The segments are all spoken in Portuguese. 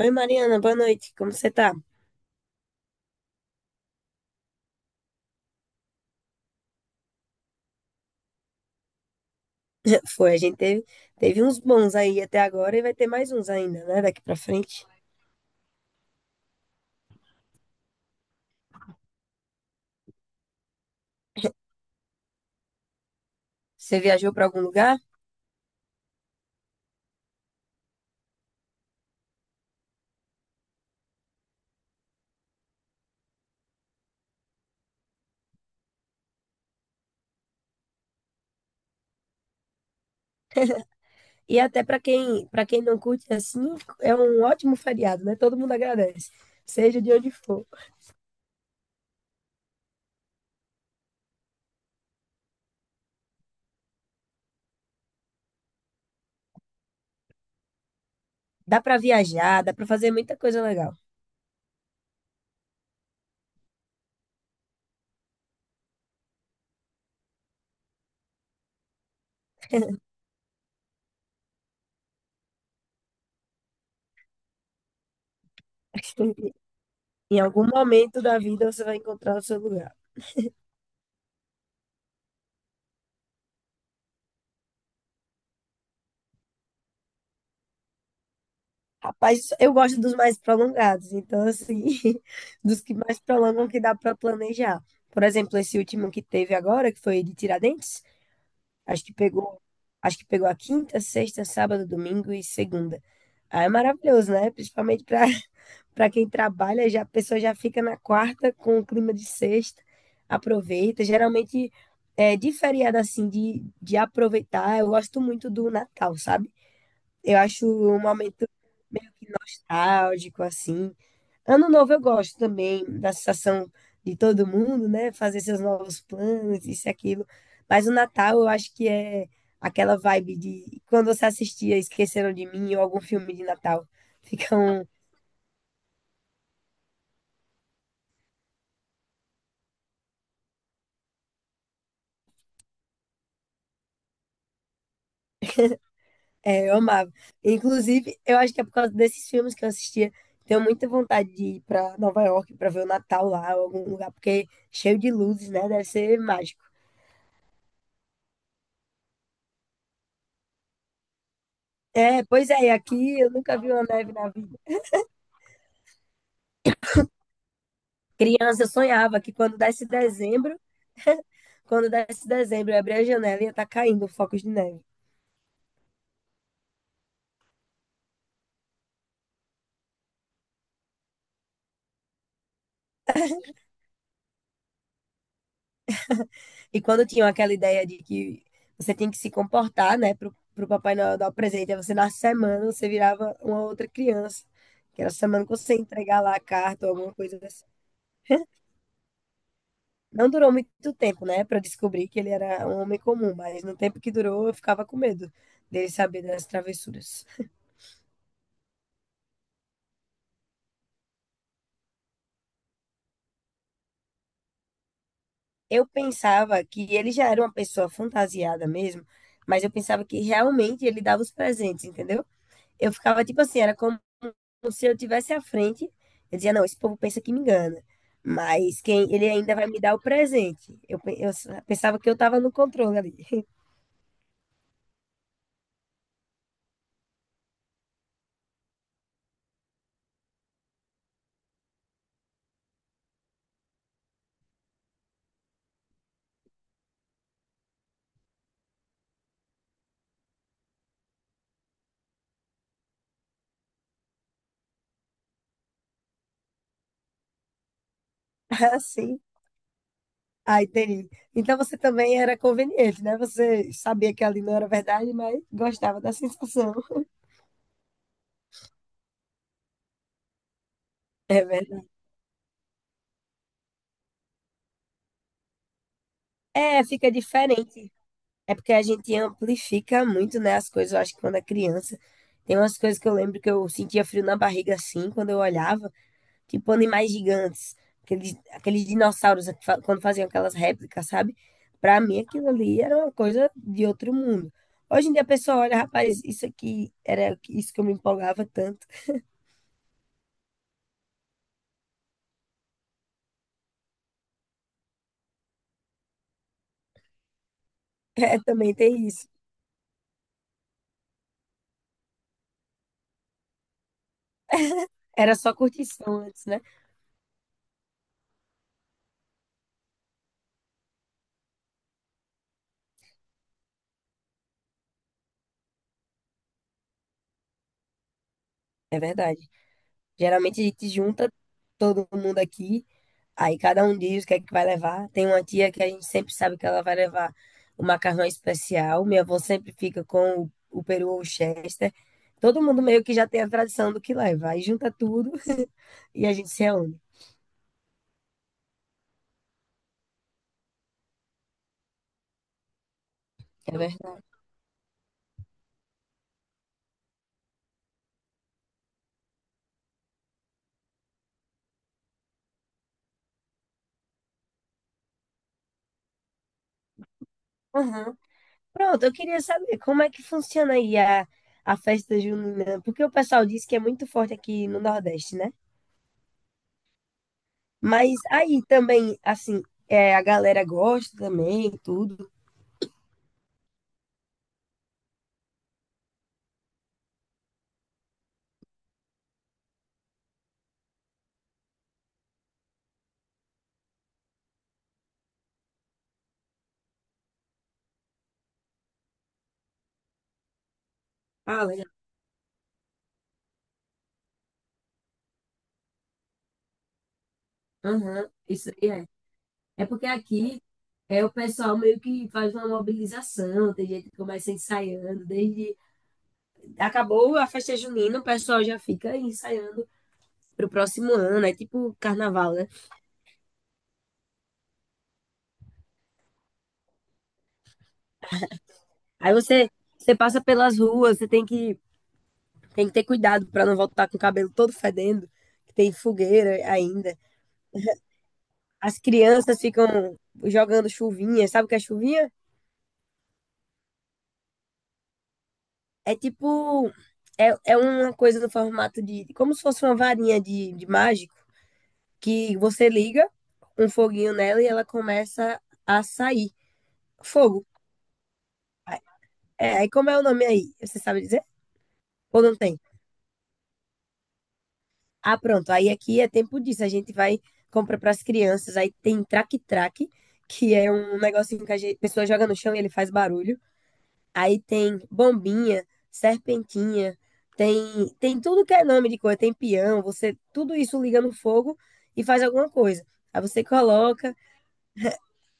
Oi, Mariana, boa noite. Como você tá? Foi, a gente teve uns bons aí até agora e vai ter mais uns ainda, né, daqui pra frente. Você viajou pra algum lugar? E para quem não curte assim, é um ótimo feriado, né? Todo mundo agradece, seja de onde for. Dá pra viajar, dá pra fazer muita coisa legal. Em algum momento da vida você vai encontrar o seu lugar. Rapaz, eu gosto dos mais prolongados, então, assim, dos que mais prolongam que dá para planejar. Por exemplo, esse último que teve agora, que foi de Tiradentes, acho que pegou, acho que pegou a quinta, sexta, sábado, domingo e segunda. Aí é maravilhoso, né? Principalmente para para quem trabalha, já a pessoa já fica na quarta com o clima de sexta, aproveita. Geralmente, de feriado, assim, de aproveitar, eu gosto muito do Natal, sabe? Eu acho um momento nostálgico, assim. Ano novo eu gosto também da sensação de todo mundo, né? Fazer seus novos planos, isso e aquilo. Mas o Natal eu acho que é aquela vibe de quando você assistia Esqueceram de Mim ou algum filme de Natal. Fica um. É, eu amava. Inclusive, eu acho que é por causa desses filmes que eu assistia. Tenho muita vontade de ir para Nova York para ver o Natal lá, ou algum lugar, porque cheio de luzes, né? Deve ser mágico. É, pois é, e aqui eu nunca vi uma neve na vida. Criança, eu sonhava que quando desse dezembro, eu abria a janela e ia estar caindo focos de neve. E quando tinham aquela ideia de que você tem que se comportar, né, pro Papai Noel dar o presente, aí você na semana você virava uma outra criança, que era a semana que você ia entregar lá a carta ou alguma coisa assim. Não durou muito tempo, né, para descobrir que ele era um homem comum, mas no tempo que durou, eu ficava com medo dele saber das travessuras. Eu pensava que ele já era uma pessoa fantasiada mesmo, mas eu pensava que realmente ele dava os presentes, entendeu? Eu ficava tipo assim, era como se eu tivesse à frente. Eu dizia, não, esse povo pensa que me engana, mas quem ele ainda vai me dar o presente. Eu, pe- eu s- Pensava que eu estava no controle ali. Assim. Ah, entendi. Então você também era conveniente, né? Você sabia que ali não era verdade, mas gostava da sensação. É verdade. É, fica diferente. É porque a gente amplifica muito, né, as coisas. Eu acho que quando é criança, tem umas coisas que eu lembro que eu sentia frio na barriga assim, quando eu olhava, tipo animais gigantes, aqueles dinossauros quando faziam aquelas réplicas, sabe? Pra mim aquilo ali era uma coisa de outro mundo. Hoje em dia a pessoa olha, rapaz, isso aqui era isso que eu me empolgava tanto. É, também tem isso. Era só curtição antes, né? É verdade. Geralmente a gente junta todo mundo aqui. Aí cada um diz o que é que vai levar. Tem uma tia que a gente sempre sabe que ela vai levar o macarrão especial. Minha avó sempre fica com o peru ou o Chester. Todo mundo meio que já tem a tradição do que leva. Aí junta tudo e a gente se reúne. É verdade. Aham. Pronto, eu queria saber como é que funciona aí a festa junina, porque o pessoal diz que é muito forte aqui no Nordeste, né? Mas aí também, assim, é, a galera gosta também, tudo. Ah, legal. Aham. Isso aí é porque aqui é o pessoal meio que faz uma mobilização, tem gente que começa ensaiando, desde acabou a festa junina, o pessoal já fica aí ensaiando pro próximo ano, é tipo carnaval, né? Aí você você passa pelas ruas, você tem que ter cuidado para não voltar com o cabelo todo fedendo, que tem fogueira ainda. As crianças ficam jogando chuvinha, sabe o que é chuvinha? É tipo é uma coisa no formato de como se fosse uma varinha de mágica que você liga um foguinho nela e ela começa a sair. Fogo. É, aí como é o nome aí? Você sabe dizer? Ou não tem? Ah, pronto. Aí aqui é tempo disso. A gente vai compra para as crianças. Aí tem traque-traque, que é um negocinho que a pessoa joga no chão e ele faz barulho. Aí tem bombinha, serpentinha, tem tudo que é nome de coisa. Tem peão. Você tudo isso liga no fogo e faz alguma coisa. Aí você coloca.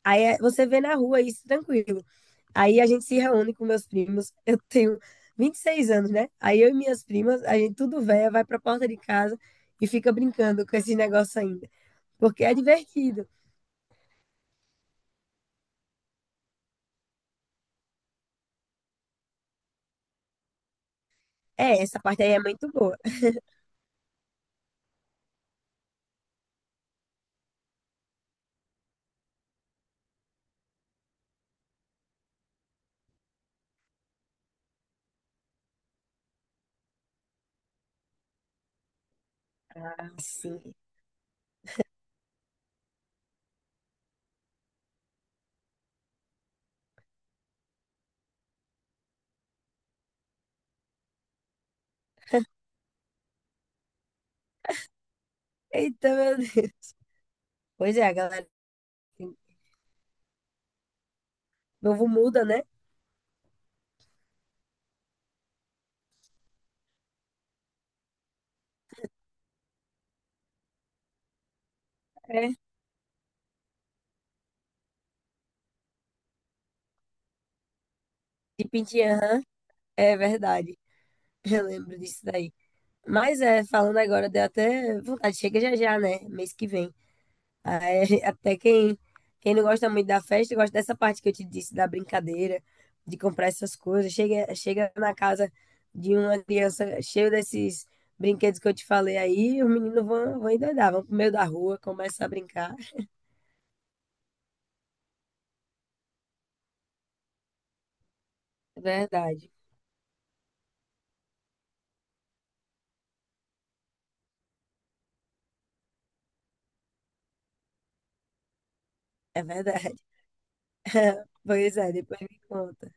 Aí você vê na rua isso tranquilo. Aí a gente se reúne com meus primos. Eu tenho 26 anos, né? Aí eu e minhas primas, a gente tudo véia, vai pra porta de casa e fica brincando com esse negócio ainda. Porque é divertido. É, essa parte aí é muito boa. Ah, sim. Eita, meu Deus. Pois é, a galera. Assim, novo muda, né? É. De pintinha, aham. É verdade. Eu lembro disso daí. Mas é, falando agora, deu até vontade. Chega já já, né? Mês que vem. Aí, até quem não gosta muito da festa, gosta dessa parte que eu te disse, da brincadeira, de comprar essas coisas. Chega na casa de uma criança cheia desses brinquedos que eu te falei aí, os meninos vão endoidar, vão pro meio da rua, começam a brincar. É verdade, é verdade. Pois é, depois me conta.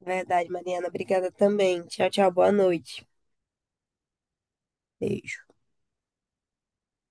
Verdade, Mariana. Obrigada também. Tchau, tchau. Boa noite. Beijo.